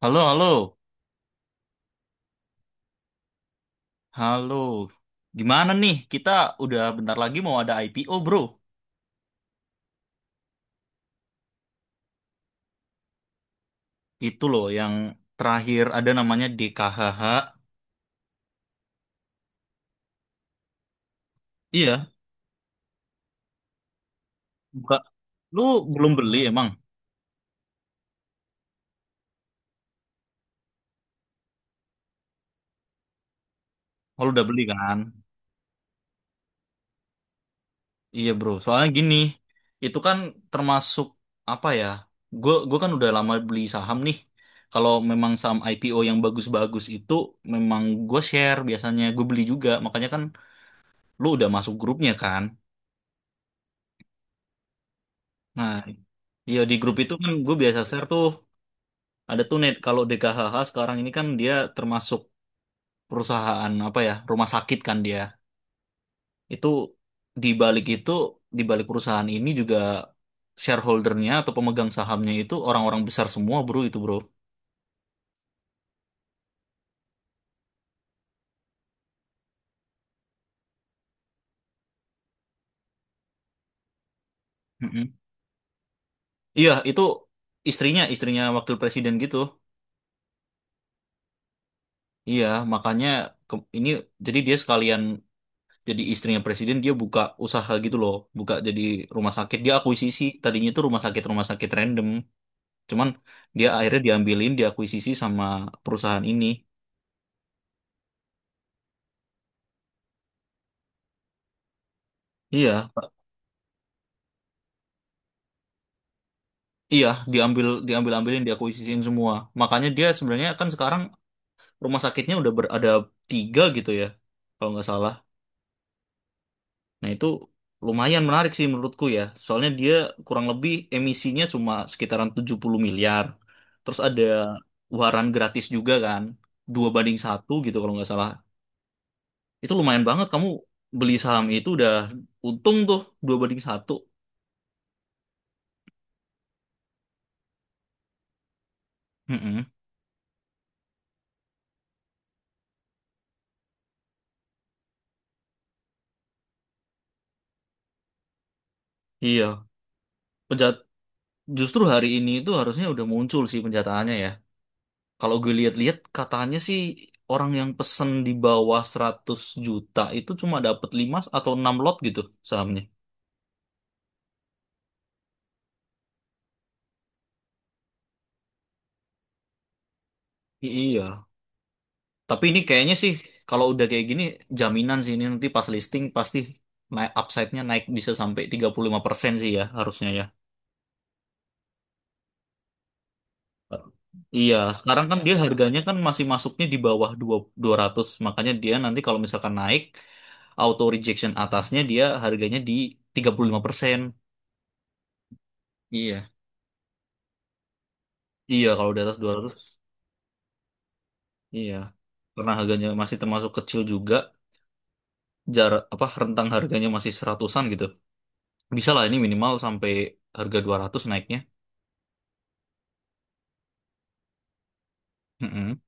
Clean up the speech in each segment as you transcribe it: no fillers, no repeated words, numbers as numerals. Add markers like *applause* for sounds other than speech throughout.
Halo, halo, halo. Gimana nih? Kita udah bentar lagi mau ada IPO, bro. Itu loh yang terakhir ada namanya DKHH. Iya, buka. Lu belum beli emang? Oh, lu udah beli kan? Iya, bro. Soalnya gini, itu kan termasuk apa ya? Gue kan udah lama beli saham nih. Kalau memang saham IPO yang bagus-bagus itu memang gue share biasanya gue beli juga. Makanya kan lu udah masuk grupnya kan? Nah, iya di grup itu kan gue biasa share tuh, ada tuh net, kalau DKHH sekarang ini kan dia termasuk perusahaan apa ya, rumah sakit kan dia. Itu di balik itu, di balik perusahaan ini juga shareholdernya atau pemegang sahamnya itu orang-orang besar semua bro, itu bro. Mm-mm. Iya, itu istrinya istrinya wakil presiden gitu. Iya makanya ini, jadi dia sekalian, jadi istrinya presiden dia buka usaha gitu loh, buka jadi rumah sakit, dia akuisisi tadinya itu rumah sakit random. Cuman dia akhirnya diambilin, diakuisisi sama perusahaan ini. Iya iya diambil diambil ambilin diakuisisiin semua. Makanya dia sebenarnya kan sekarang rumah sakitnya udah ada tiga gitu ya kalau nggak salah. Nah, itu lumayan menarik sih menurutku ya. Soalnya dia kurang lebih emisinya cuma sekitaran 70 miliar. Terus ada waran gratis juga kan. 2-1 gitu kalau nggak salah. Itu lumayan banget, kamu beli saham itu udah untung tuh 2-1. Mm-mm. Iya. Penjat Justru hari ini itu harusnya udah muncul sih penjataannya ya. Kalau gue lihat-lihat katanya sih orang yang pesen di bawah 100 juta itu cuma dapat 5 atau 6 lot gitu sahamnya. Iya. Tapi ini kayaknya sih kalau udah kayak gini, jaminan sih ini nanti pas listing pasti naik, upside-nya naik bisa sampai 35% sih ya, harusnya ya. Iya, sekarang kan dia harganya kan masih masuknya di bawah dua dua ratus, makanya dia nanti kalau misalkan naik, auto rejection atasnya dia harganya di 35%. Iya. Iya, kalau di atas 200 iya. Karena harganya masih termasuk kecil juga, jarak apa rentang harganya masih seratusan gitu. Bisa lah ini minimal sampai harga 200 naiknya. Mm-mm.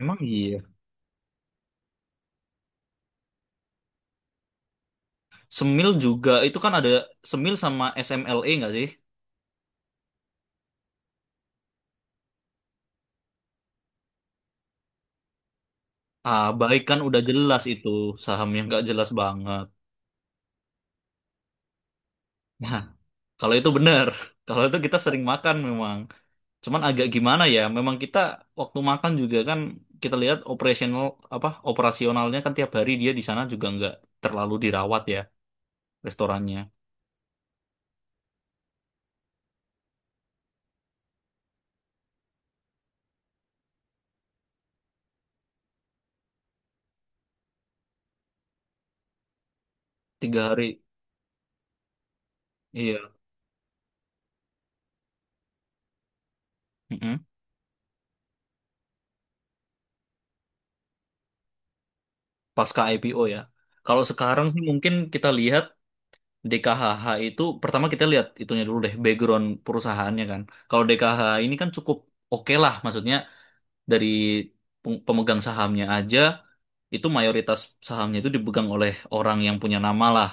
Emang iya. Semil juga itu kan ada, Semil sama SMLE nggak sih? Ah, baik kan udah jelas itu saham yang nggak jelas banget. Nah, kalau itu benar. *laughs* Kalau itu kita sering makan memang. Cuman agak gimana ya? Memang kita waktu makan juga kan kita lihat operasional, apa, operasionalnya kan tiap hari dia di sana juga nggak terlalu dirawat ya restorannya. Tiga hari. Iya. Mm-mm. Pasca IPO ya. Kalau sekarang sih mungkin kita lihat DKHH itu, pertama kita lihat itunya dulu deh, background perusahaannya kan. Kalau DKH ini kan cukup oke lah, maksudnya dari pemegang sahamnya aja, itu mayoritas sahamnya itu dipegang oleh orang yang punya nama lah.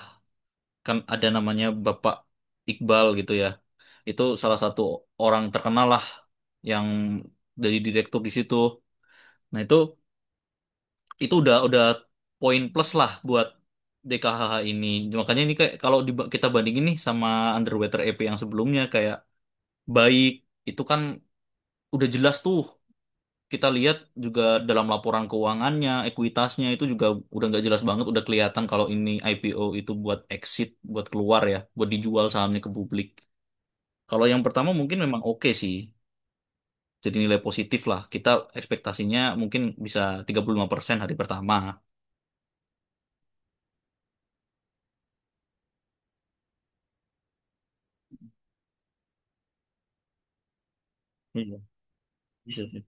Kan ada namanya Bapak Iqbal gitu ya. Itu salah satu orang terkenal lah yang dari direktur di situ. Nah itu udah poin plus lah buat DKHH ini. Makanya ini kayak kalau kita bandingin nih sama Underwater EP yang sebelumnya, kayak baik itu kan udah jelas tuh. Kita lihat juga dalam laporan keuangannya, ekuitasnya itu juga udah nggak jelas banget, udah kelihatan kalau ini IPO itu buat exit, buat keluar ya, buat dijual sahamnya ke publik. Kalau yang pertama mungkin memang oke sih. Jadi nilai positif lah. Kita ekspektasinya mungkin bisa 35% hari pertama. Iya, bisa sih.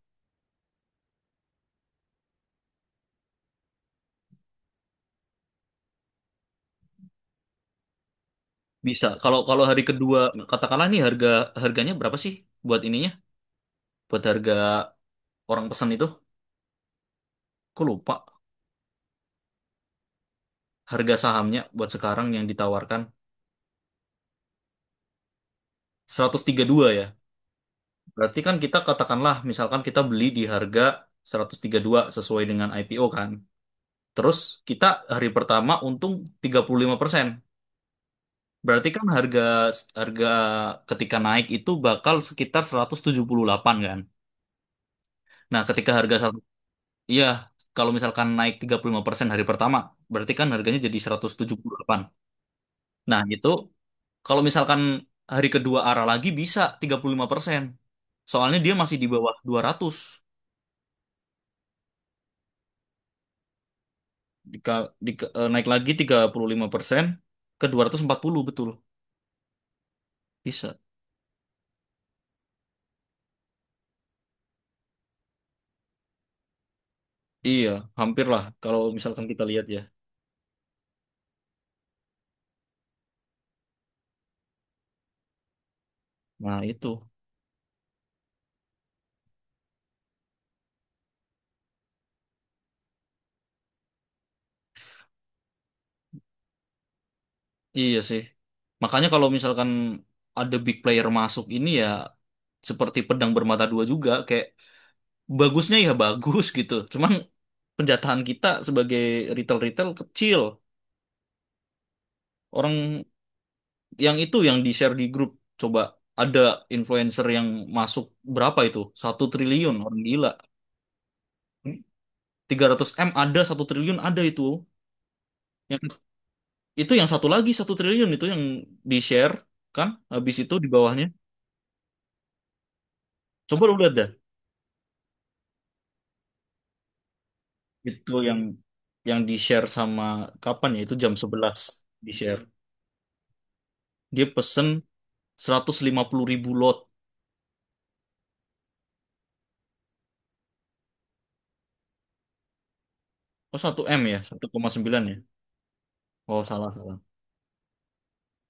Bisa. Kalau kalau hari kedua, katakanlah nih harganya berapa sih buat ininya? Buat harga orang pesan itu? Aku lupa harga sahamnya buat sekarang yang ditawarkan 132 ya. Berarti kan kita katakanlah misalkan kita beli di harga 132 sesuai dengan IPO kan. Terus kita hari pertama untung 35%. Berarti kan harga harga ketika naik itu bakal sekitar 178 kan. Nah, ketika harga. Iya, kalau misalkan naik 35% hari pertama, berarti kan harganya jadi 178. Nah, itu kalau misalkan hari kedua arah lagi, bisa 35%. Soalnya dia masih di bawah 200. Dika, dika- eh, Naik lagi 35% ke 240, betul. Bisa. Iya, hampir lah kalau misalkan kita lihat ya. Nah, itu. Iya sih. Makanya kalau misalkan ada big player masuk ini ya, seperti pedang bermata dua juga, kayak, bagusnya ya bagus gitu. Cuman penjatahan kita sebagai retail-retail kecil. Orang yang itu, yang di-share di grup. Coba ada influencer yang masuk, berapa itu? 1 triliun, orang gila. Tiga ratus m ada, 1 triliun ada itu. Yang, itu yang satu lagi, 1 triliun itu yang di-share kan? Habis itu di bawahnya. Coba lu lihat dah. Itu yang di-share sama, kapan ya? Itu jam 11 di-share. Dia pesen 150.000 lot. Oh 1 m ya, 1,9 ya. Oh salah salah.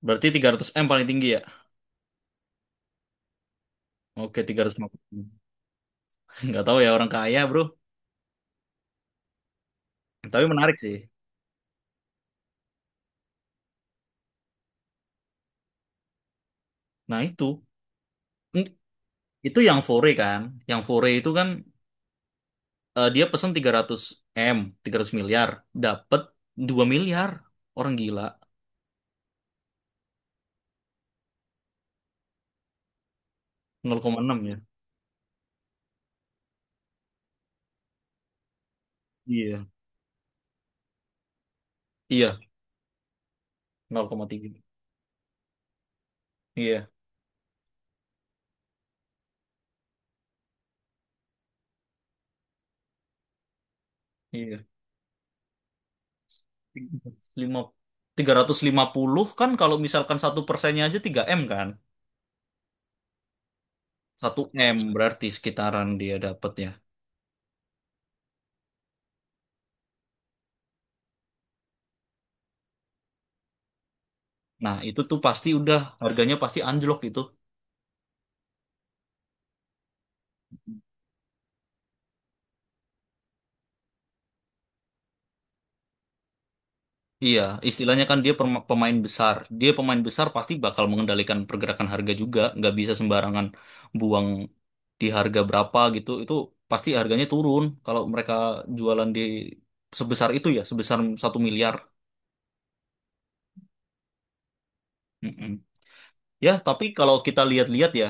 Berarti 300 m paling tinggi ya? Oke, 350. *laughs* Nggak tahu ya, orang kaya bro. Tapi menarik sih. Nah itu. Hmm, itu yang fore kan. Yang fore itu kan dia pesen 300 m, 300 miliar. Dapat 2 miliar. Orang gila. 0,6 ya. Iya. Iya, 0,3. Iya, iya. Lima- Tiga ratus lima lima puluh kan, kalau misalkan satu persennya aja 3 m kan. Satu M berarti sekitaran dia dapatnya. Nah, itu tuh pasti udah, harganya pasti anjlok itu. Iya, istilahnya kan dia pemain besar. Dia pemain besar pasti bakal mengendalikan pergerakan harga juga. Nggak bisa sembarangan buang di harga berapa gitu. Itu pasti harganya turun kalau mereka jualan di sebesar itu ya, sebesar 1 miliar. Mm-mm. Ya, tapi kalau kita lihat-lihat ya,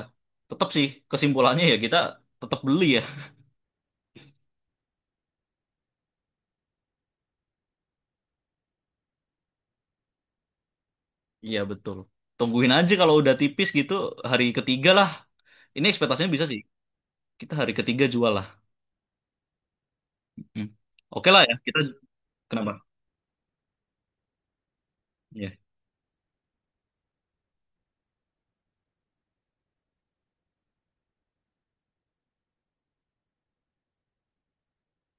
tetap sih kesimpulannya ya, kita tetap beli ya. Iya betul. Tungguin aja kalau udah tipis gitu, hari ketiga lah. Ini ekspektasinya bisa sih. Kita hari ketiga jual lah. Hmm. Oke lah ya. Kita kenapa? Iya.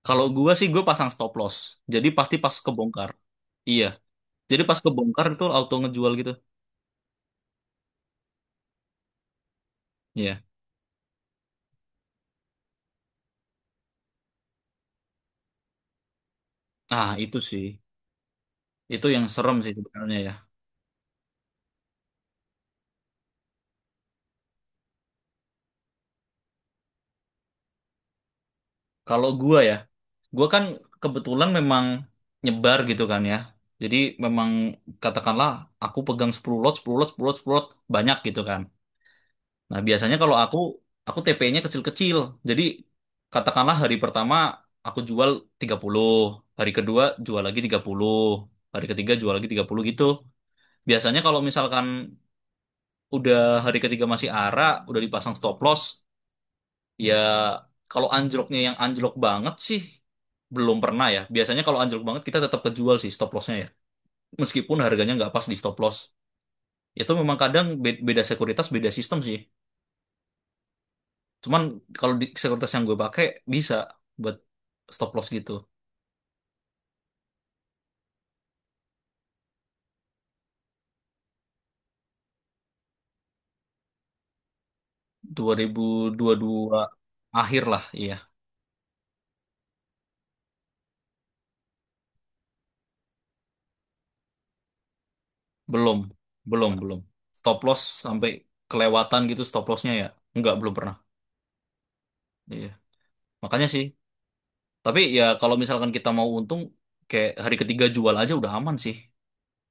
Kalau gua sih gua pasang stop loss. Jadi pasti pas kebongkar. Iya. Jadi pas kebongkar itu auto ngejual gitu. Iya. Ah itu sih. Itu yang serem sih sebenarnya ya. Kalau gua ya, gua kan kebetulan memang nyebar gitu kan ya. Jadi memang katakanlah aku pegang 10 lot, 10 lot, 10 lot, 10 lot, banyak gitu kan. Nah, biasanya kalau aku TP-nya kecil-kecil. Jadi, katakanlah hari pertama aku jual 30, hari kedua jual lagi 30, hari ketiga jual lagi 30 gitu. Biasanya kalau misalkan udah hari ketiga masih arah udah dipasang stop loss, ya kalau anjloknya, yang anjlok banget sih belum pernah ya. Biasanya kalau anjlok banget kita tetap kejual sih stop lossnya ya. Meskipun harganya nggak pas di stop loss. Itu memang kadang beda sekuritas, beda sistem sih. Cuman kalau di sekuritas yang gue pakai bisa buat stop loss gitu. 2022 akhir lah, iya. Belum, belum, belum. Stop loss sampai kelewatan gitu stop lossnya ya. Enggak, belum pernah. Iya. Makanya sih. Tapi ya kalau misalkan kita mau untung, kayak hari ketiga jual aja udah aman sih.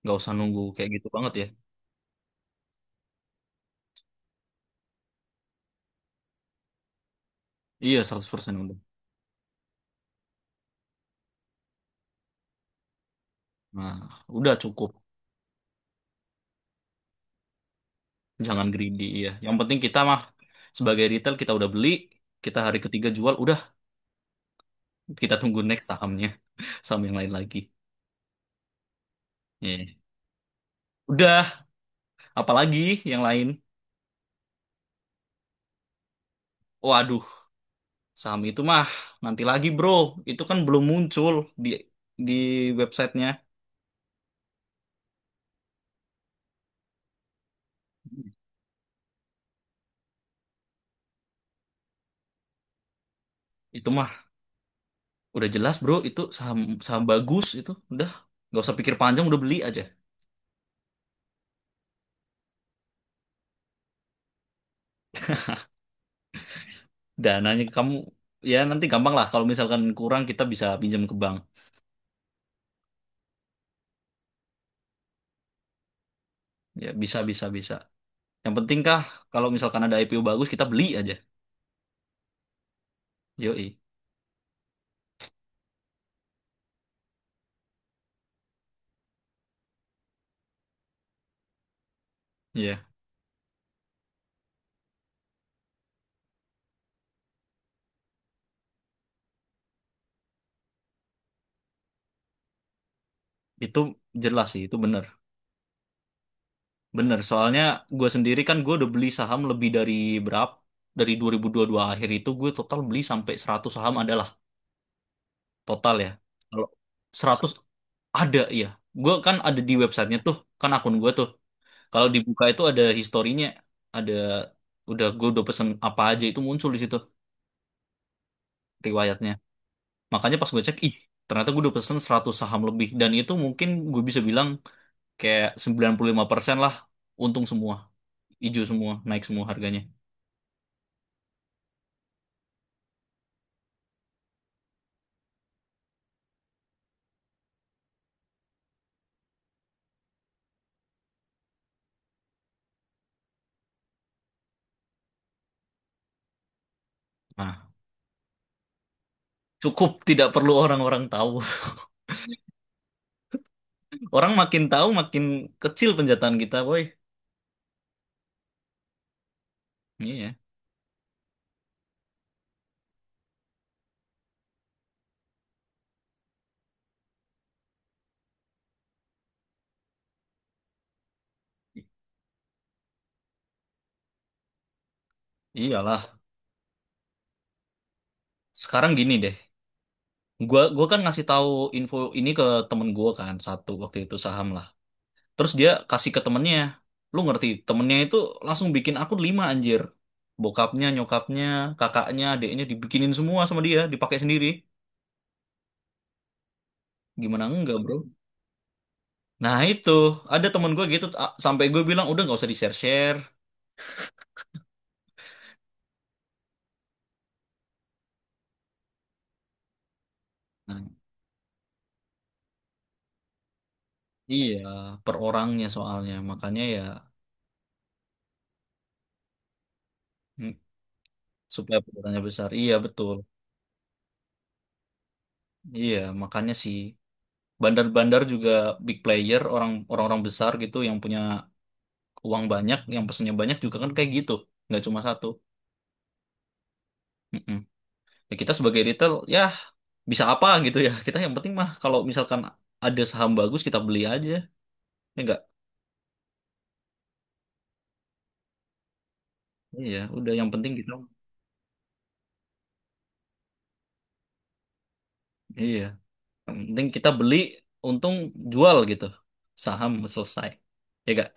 Nggak usah nunggu kayak gitu banget ya. Iya, 100% untung. Nah, udah cukup. Jangan greedy, iya. Yang penting kita mah sebagai retail kita udah beli, kita hari ketiga jual, udah. Kita tunggu next sahamnya. *laughs* Saham yang lain lagi. Iya. Udah, apalagi yang lain? Waduh, saham itu mah nanti lagi bro. Itu kan belum muncul di di websitenya. Itu mah udah jelas bro, itu saham saham bagus itu. Udah, nggak usah pikir panjang, udah beli aja. Dananya kamu ya nanti gampang lah. Kalau misalkan kurang kita bisa pinjam ke bank. Ya bisa bisa bisa. Yang penting kah kalau misalkan ada IPO bagus kita beli aja. Yoi. Iya, itu jelas sih, itu benar. Bener, soalnya gue sendiri kan, gue udah beli saham lebih dari berapa? Dari 2022 akhir itu gue total beli sampai 100 saham adalah total ya. Kalau 100 ada ya. Gue kan ada di websitenya tuh, kan akun gue tuh. Kalau dibuka itu ada historinya, ada, udah gue udah pesen apa aja itu muncul di situ, riwayatnya. Makanya pas gue cek, ih ternyata gue udah pesen 100 saham lebih. Dan itu mungkin gue bisa bilang kayak 95% lah untung semua, hijau semua, naik semua harganya. Nah. Cukup tidak perlu orang-orang tahu. *laughs* Orang makin tahu makin kecil penjataan kita, boy. Iya, iyalah. Sekarang gini deh. Gua kan ngasih tahu info ini ke temen gua kan, satu waktu itu saham lah. Terus dia kasih ke temennya. Lu ngerti, temennya itu langsung bikin akun 5 anjir. Bokapnya, nyokapnya, kakaknya, adiknya dibikinin semua sama dia, dipakai sendiri. Gimana enggak, bro? Nah itu, ada temen gue gitu, sampai gue bilang udah nggak usah di-share-share. Iya, per orangnya soalnya. Makanya ya mm, supaya perusahaannya besar. Iya, betul. Iya, makanya sih bandar-bandar juga big player, orang-orang besar gitu yang punya uang banyak, yang pesennya banyak juga kan kayak gitu. Nggak cuma satu. Mm-mm. Ya, kita sebagai retail ya bisa apa gitu ya. Kita yang penting mah kalau misalkan ada saham bagus kita beli aja. Ya enggak? Iya, udah yang penting kita, iya, yang penting kita beli untung jual gitu. Saham selesai. Ya enggak?